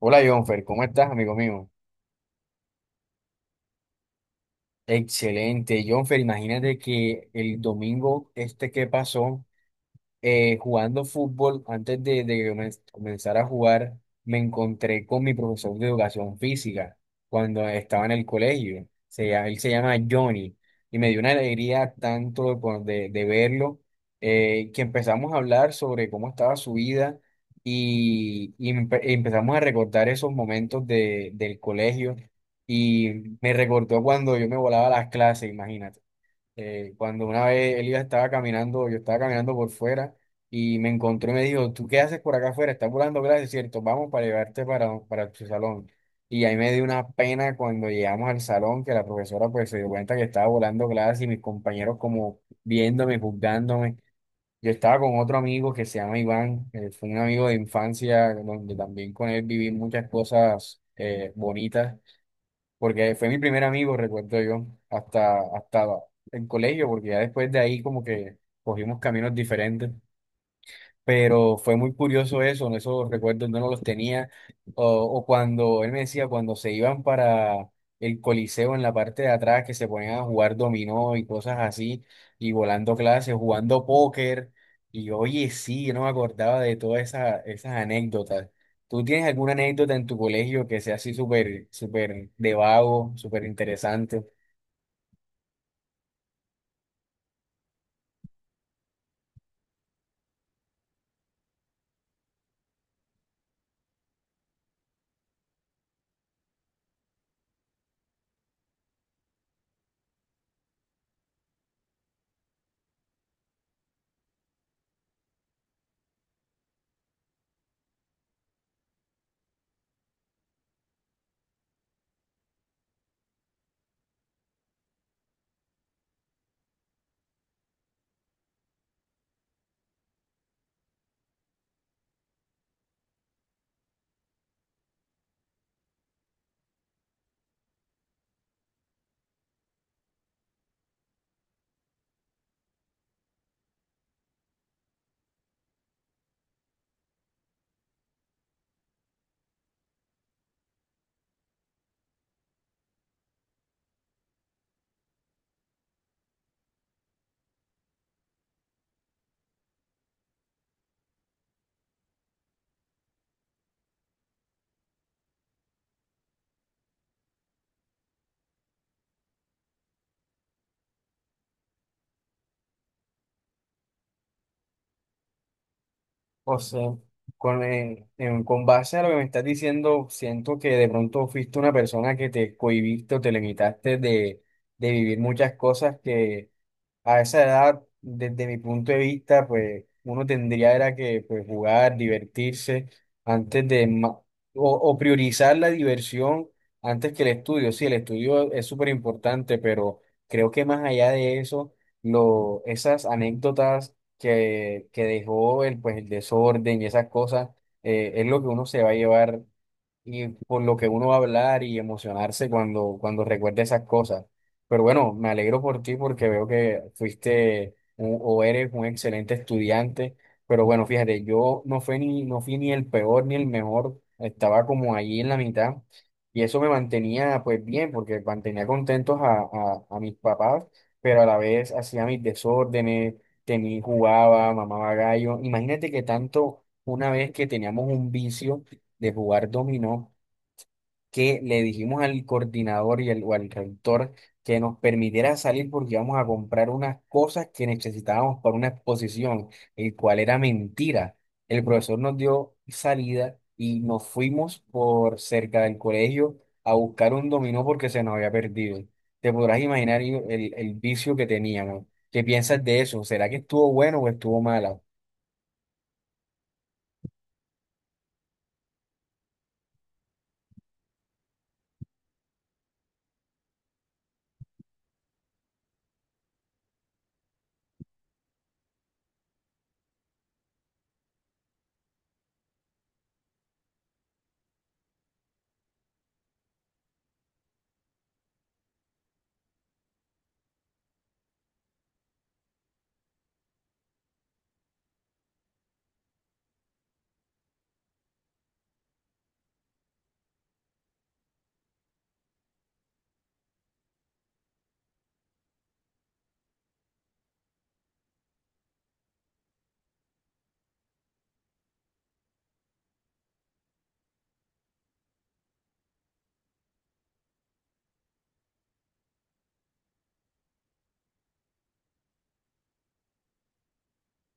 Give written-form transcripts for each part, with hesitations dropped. Hola Jonfer, ¿cómo estás, amigo mío? Excelente, Jonfer, imagínate que el domingo este que pasó, jugando fútbol, antes de que comenzar a jugar, me encontré con mi profesor de educación física cuando estaba en el colegio. Él se llama Johnny y me dio una alegría tanto de verlo que empezamos a hablar sobre cómo estaba su vida y empezamos a recordar esos momentos del colegio y me recordó cuando yo me volaba a las clases, imagínate. Cuando una vez Elías estaba caminando, yo estaba caminando por fuera y me encontró y me dijo, ¿tú qué haces por acá afuera? Estás volando clases, ¿cierto? Vamos para llevarte para tu salón. Y ahí me dio una pena cuando llegamos al salón, que la profesora pues se dio cuenta que estaba volando clases y mis compañeros como viéndome, juzgándome. Yo estaba con otro amigo que se llama Iván, fue un amigo de infancia, donde también con él viví muchas cosas bonitas porque fue mi primer amigo, recuerdo yo, hasta el colegio, porque ya después de ahí como que cogimos caminos diferentes, pero fue muy curioso eso, esos recuerdos no los tenía, o cuando él me decía, cuando se iban para el Coliseo en la parte de atrás, que se ponían a jugar dominó y cosas así, y volando clases, jugando póker, y oye, sí, yo no me acordaba de todas esas anécdotas. ¿Tú tienes alguna anécdota en tu colegio que sea así súper, súper de vago, súper interesante? O sea, con base a lo que me estás diciendo, siento que de pronto fuiste una persona que te cohibiste o te limitaste de vivir muchas cosas que a esa edad, desde mi punto de vista, pues uno tendría era que pues, jugar, divertirse, antes de ma- o priorizar la diversión antes que el estudio. Sí, el estudio es súper importante, pero creo que más allá de eso, esas anécdotas que dejó pues, el desorden y esas cosas, es lo que uno se va a llevar y por lo que uno va a hablar y emocionarse cuando recuerde esas cosas. Pero bueno, me alegro por ti porque veo que fuiste un- o eres un excelente estudiante. Pero bueno, fíjate, yo no fui ni el peor ni el mejor. Estaba como allí en la mitad. Y eso me mantenía pues bien porque mantenía contentos a mis papás, pero a la vez hacía mis desórdenes, tenía, jugaba, mamaba gallo. Imagínate que tanto una vez que teníamos un vicio de jugar dominó que le dijimos al coordinador y al rector que nos permitiera salir porque íbamos a comprar unas cosas que necesitábamos para una exposición, el cual era mentira. El profesor nos dio salida y nos fuimos por cerca del colegio a buscar un dominó porque se nos había perdido. Te podrás imaginar el vicio que teníamos. ¿Qué piensas de eso? ¿Será que estuvo bueno o estuvo malo?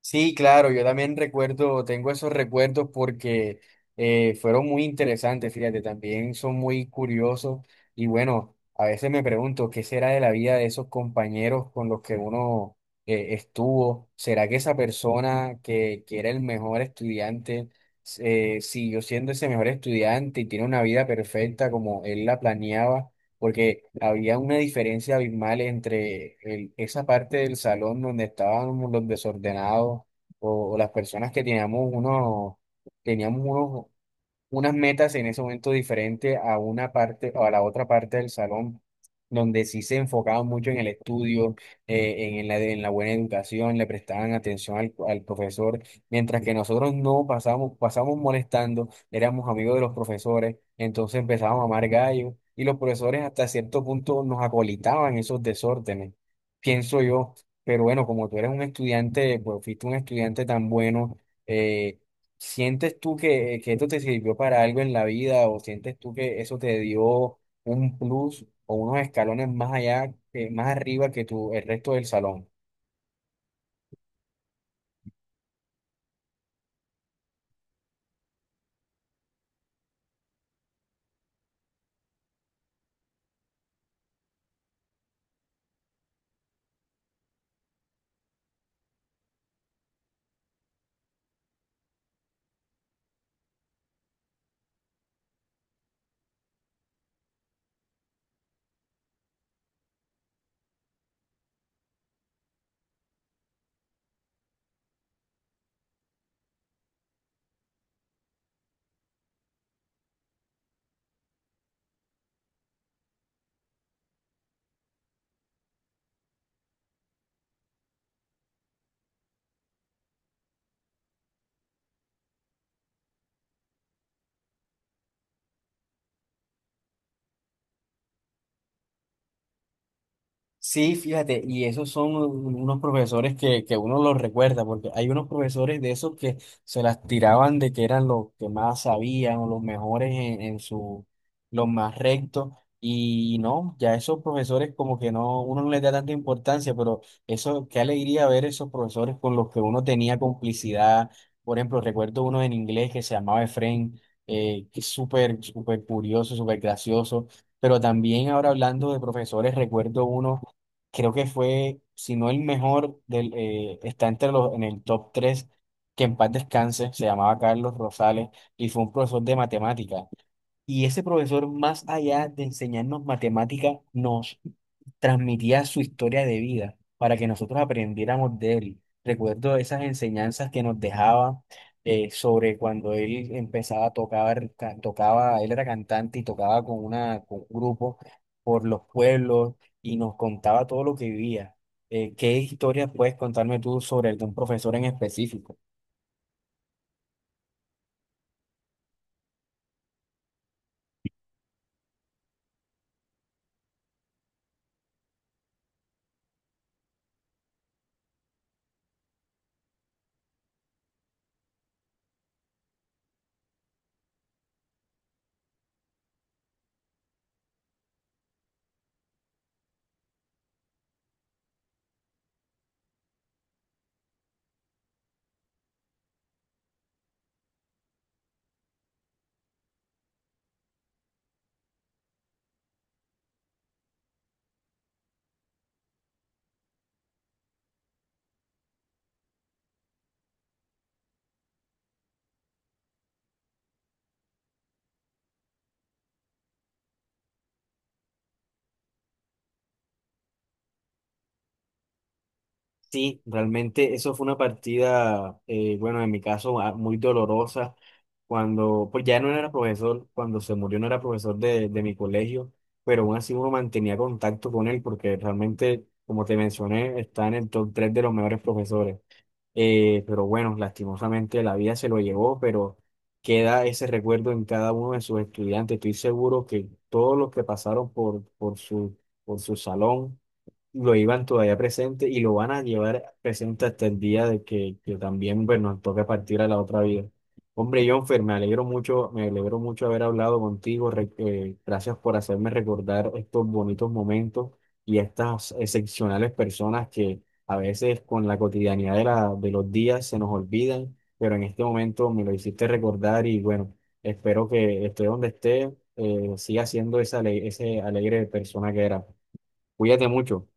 Sí, claro, yo también recuerdo, tengo esos recuerdos porque fueron muy interesantes, fíjate, también son muy curiosos y bueno, a veces me pregunto qué será de la vida de esos compañeros con los que uno estuvo, será que esa persona que era el mejor estudiante siguió siendo ese mejor estudiante y tiene una vida perfecta como él la planeaba, porque había una diferencia abismal entre esa parte del salón donde estábamos los desordenados o las personas que teníamos unos unas metas en ese momento diferente a una parte o a la otra parte del salón, donde sí se enfocaban mucho en el estudio, en la buena educación, le prestaban atención al profesor, mientras que nosotros no pasábamos, pasábamos molestando, éramos amigos de los profesores, entonces empezábamos a amar gallo y los profesores hasta cierto punto nos acolitaban esos desórdenes, pienso yo. Pero bueno, como tú eres un estudiante, pues fuiste un estudiante tan bueno, eh, ¿sientes tú que esto te sirvió para algo en la vida, o sientes tú que eso te dio un plus o unos escalones más allá, más arriba que el resto del salón? Sí, fíjate, y esos son unos profesores que uno los recuerda, porque hay unos profesores de esos que se las tiraban de que eran los que más sabían o los mejores los más rectos, y no, ya esos profesores como que no, uno no les da tanta importancia, pero eso, qué alegría ver esos profesores con los que uno tenía complicidad. Por ejemplo, recuerdo uno en inglés que se llamaba Efraín, que es súper, súper curioso, súper gracioso, pero también ahora hablando de profesores, recuerdo uno, creo que fue, si no el mejor, está entre en el top tres, que en paz descanse, se llamaba Carlos Rosales y fue un profesor de matemática. Y ese profesor, más allá de enseñarnos matemática, nos transmitía su historia de vida para que nosotros aprendiéramos de él. Recuerdo esas enseñanzas que nos dejaba sobre cuando él empezaba a tocar, tocaba, él era cantante y tocaba con un grupo por los pueblos y nos contaba todo lo que vivía. ¿Qué historias puedes contarme tú sobre algún profesor en específico? Sí, realmente eso fue una partida, bueno, en mi caso ah, muy dolorosa, cuando, pues ya no era profesor, cuando se murió no era profesor de mi colegio, pero aún así uno mantenía contacto con él porque realmente, como te mencioné, está en el top 3 de los mejores profesores. Pero bueno, lastimosamente la vida se lo llevó, pero queda ese recuerdo en cada uno de sus estudiantes. Estoy seguro que todos los que pasaron por su salón lo iban todavía presente y lo van a llevar presente hasta el día de que también pues, nos toque partir a la otra vida. Hombre, Jonfer, me alegro mucho haber hablado contigo. Gracias por hacerme recordar estos bonitos momentos y estas excepcionales personas que a veces con la cotidianidad de los días se nos olvidan, pero en este momento me lo hiciste recordar y bueno, espero que esté donde esté, siga siendo ese alegre persona que era. Cuídate mucho.